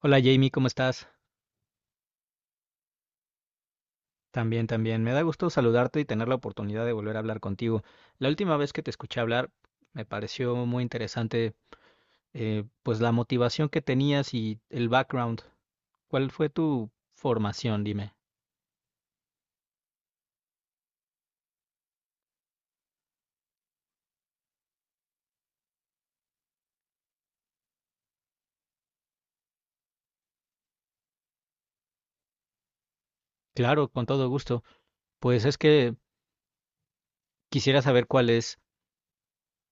Hola Jamie, ¿cómo estás? También, también. Me da gusto saludarte y tener la oportunidad de volver a hablar contigo. La última vez que te escuché hablar me pareció muy interesante, pues la motivación que tenías y el background. ¿Cuál fue tu formación? Dime. Claro, con todo gusto. Pues es que quisiera saber cuál es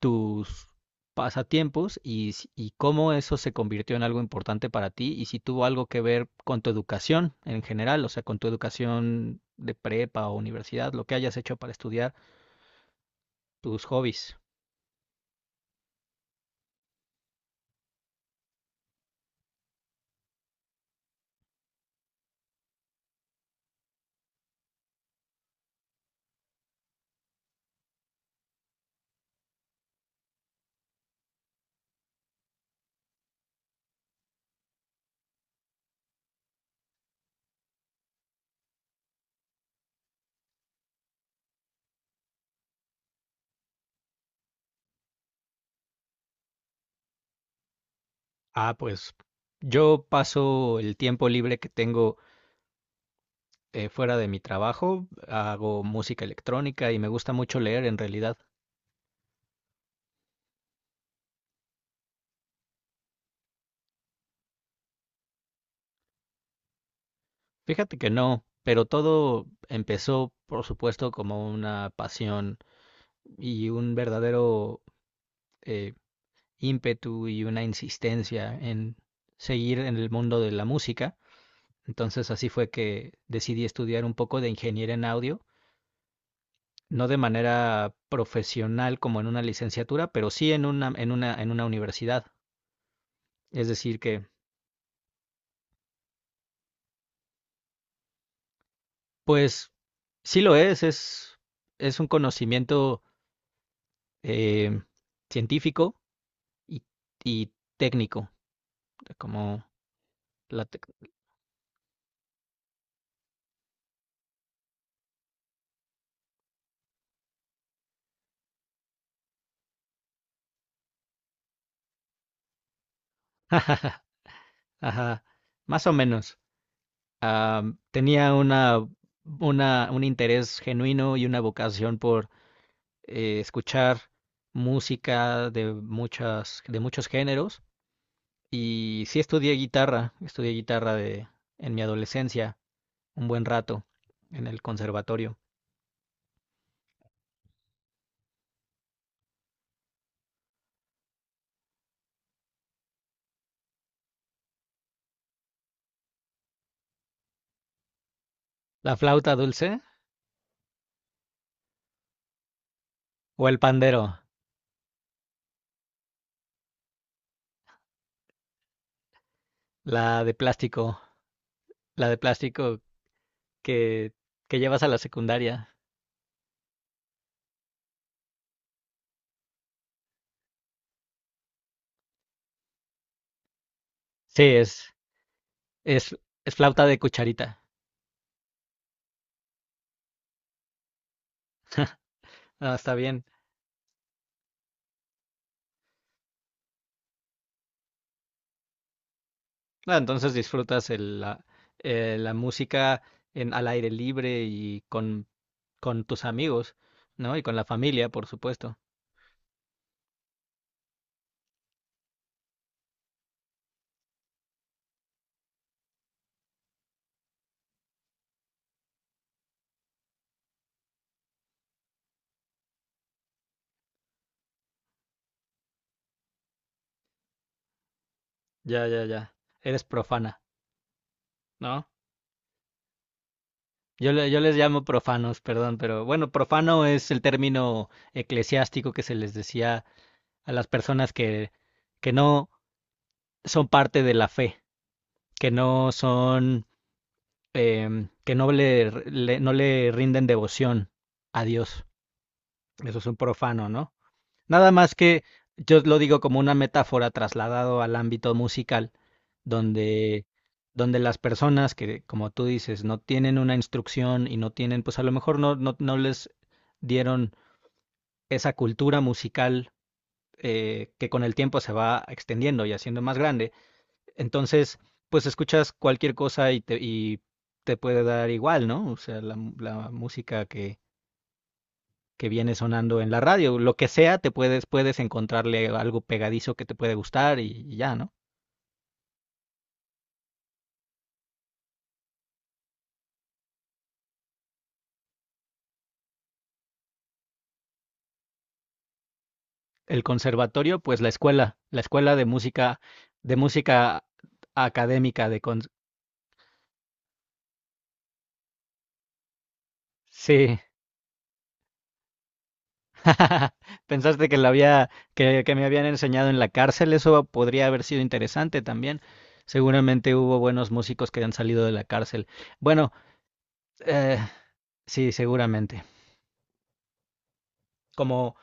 tus pasatiempos y, y cómo eso se convirtió en algo importante para ti y si tuvo algo que ver con tu educación en general, o sea, con tu educación de prepa o universidad, lo que hayas hecho para estudiar, tus hobbies. Ah, pues yo paso el tiempo libre que tengo, fuera de mi trabajo, hago música electrónica y me gusta mucho leer en realidad. Fíjate que no, pero todo empezó, por supuesto, como una pasión y un verdadero eh, ímpetu y una insistencia en seguir en el mundo de la música. Entonces así fue que decidí estudiar un poco de ingeniería en audio, no de manera profesional como en una licenciatura, pero sí en una, en una, en una universidad. Es decir que, pues, sí lo es un conocimiento eh, científico y, y técnico, como la... Ajá, más o menos. Tenía una, un interés genuino y una vocación por escuchar música de muchas, de muchos géneros. Y sí estudié guitarra de, en mi adolescencia, un buen rato, en el conservatorio. ¿La flauta dulce o el pandero? La de plástico, la de plástico que, que llevas a la secundaria. Sí, es, es flauta de cucharita. Ah, está bien. Ah, entonces disfrutas el, la, la música en, al aire libre y con tus amigos, ¿no? Y con la familia, por supuesto. Ya, ya, ya. Eres profana, ¿no? Yo, yo les llamo profanos, perdón, pero bueno, profano es el término eclesiástico que se les decía a las personas que no son parte de la fe, que no son, que no le, no le rinden devoción a Dios. Eso es un profano, ¿no? Nada más que yo lo digo como una metáfora trasladado al ámbito musical, donde, donde las personas que, como tú dices, no tienen una instrucción y no tienen, pues a lo mejor no, no, no les dieron esa cultura musical, que con el tiempo se va extendiendo y haciendo más grande. Entonces, pues escuchas cualquier cosa y te puede dar igual, ¿no? O sea, la música que viene sonando en la radio. Lo que sea, te puedes, puedes encontrarle algo pegadizo que te puede gustar y ya, ¿no? El conservatorio, pues la escuela de música académica de con... Sí. Pensaste que la había, que me habían enseñado en la cárcel, eso podría haber sido interesante también. Seguramente hubo buenos músicos que han salido de la cárcel. Bueno, eh, sí, seguramente. Como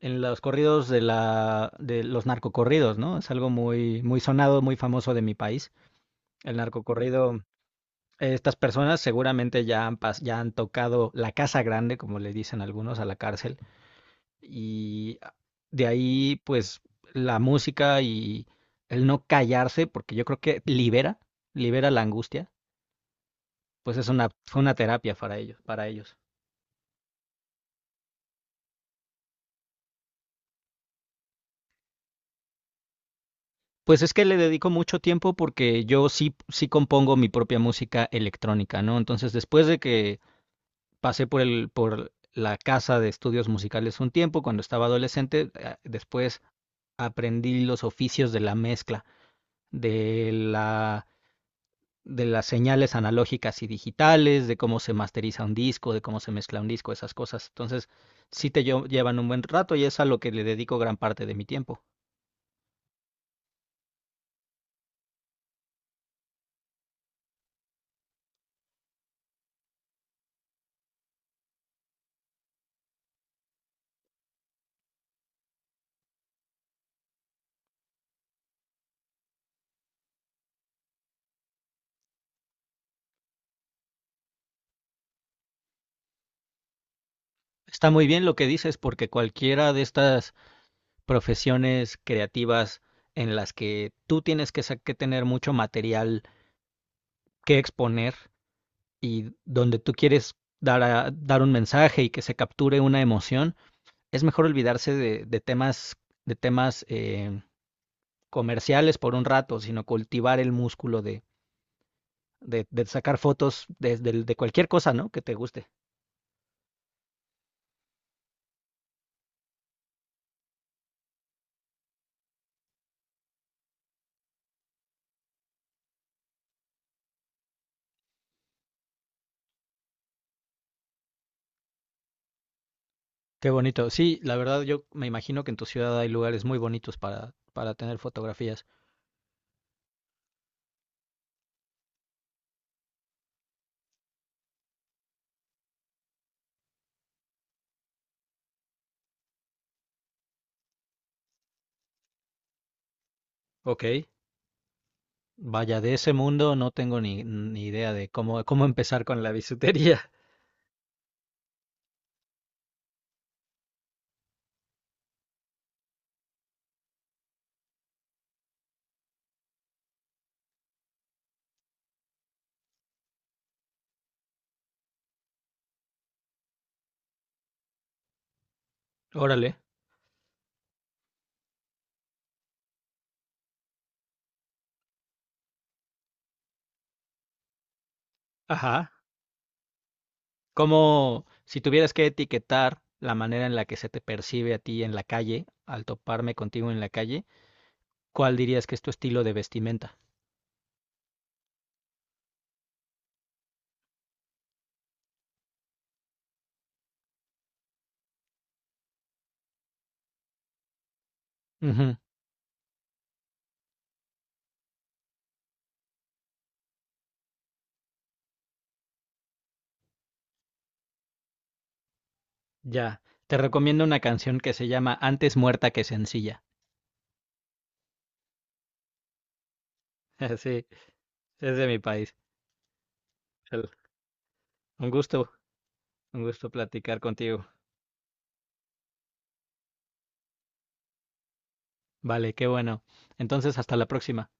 en los corridos de la de los narcocorridos, ¿no? Es algo muy muy sonado, muy famoso de mi país. El narcocorrido, estas personas seguramente ya han ya han tocado la casa grande, como le dicen algunos, a la cárcel y de ahí pues la música y el no callarse, porque yo creo que libera, libera la angustia, pues es una fue una terapia para ellos, para ellos. Pues es que le dedico mucho tiempo porque yo sí, sí compongo mi propia música electrónica, ¿no? Entonces, después de que pasé por el, por la casa de estudios musicales un tiempo, cuando estaba adolescente, después aprendí los oficios de la mezcla, de la, de las señales analógicas y digitales, de cómo se masteriza un disco, de cómo se mezcla un disco, esas cosas. Entonces, sí te llevan un buen rato y es a lo que le dedico gran parte de mi tiempo. Está muy bien lo que dices porque cualquiera de estas profesiones creativas en las que tú tienes que, que tener mucho material que exponer y donde tú quieres dar, dar un mensaje y que se capture una emoción, es mejor olvidarse de temas, de temas, comerciales por un rato, sino cultivar el músculo de sacar fotos de, de cualquier cosa, ¿no? Que te guste. Qué bonito. Sí, la verdad yo me imagino que en tu ciudad hay lugares muy bonitos para tener fotografías. Ok. Vaya, de ese mundo no tengo ni, ni idea de cómo, cómo empezar con la bisutería. Órale. Ajá. Como si tuvieras que etiquetar la manera en la que se te percibe a ti en la calle, al toparme contigo en la calle, ¿cuál dirías que es tu estilo de vestimenta? Ujú. Ya. Te recomiendo una canción que se llama Antes muerta que sencilla. Sí, es de mi país. El- Un gusto, un gusto platicar contigo. Vale, qué bueno. Entonces, hasta la próxima.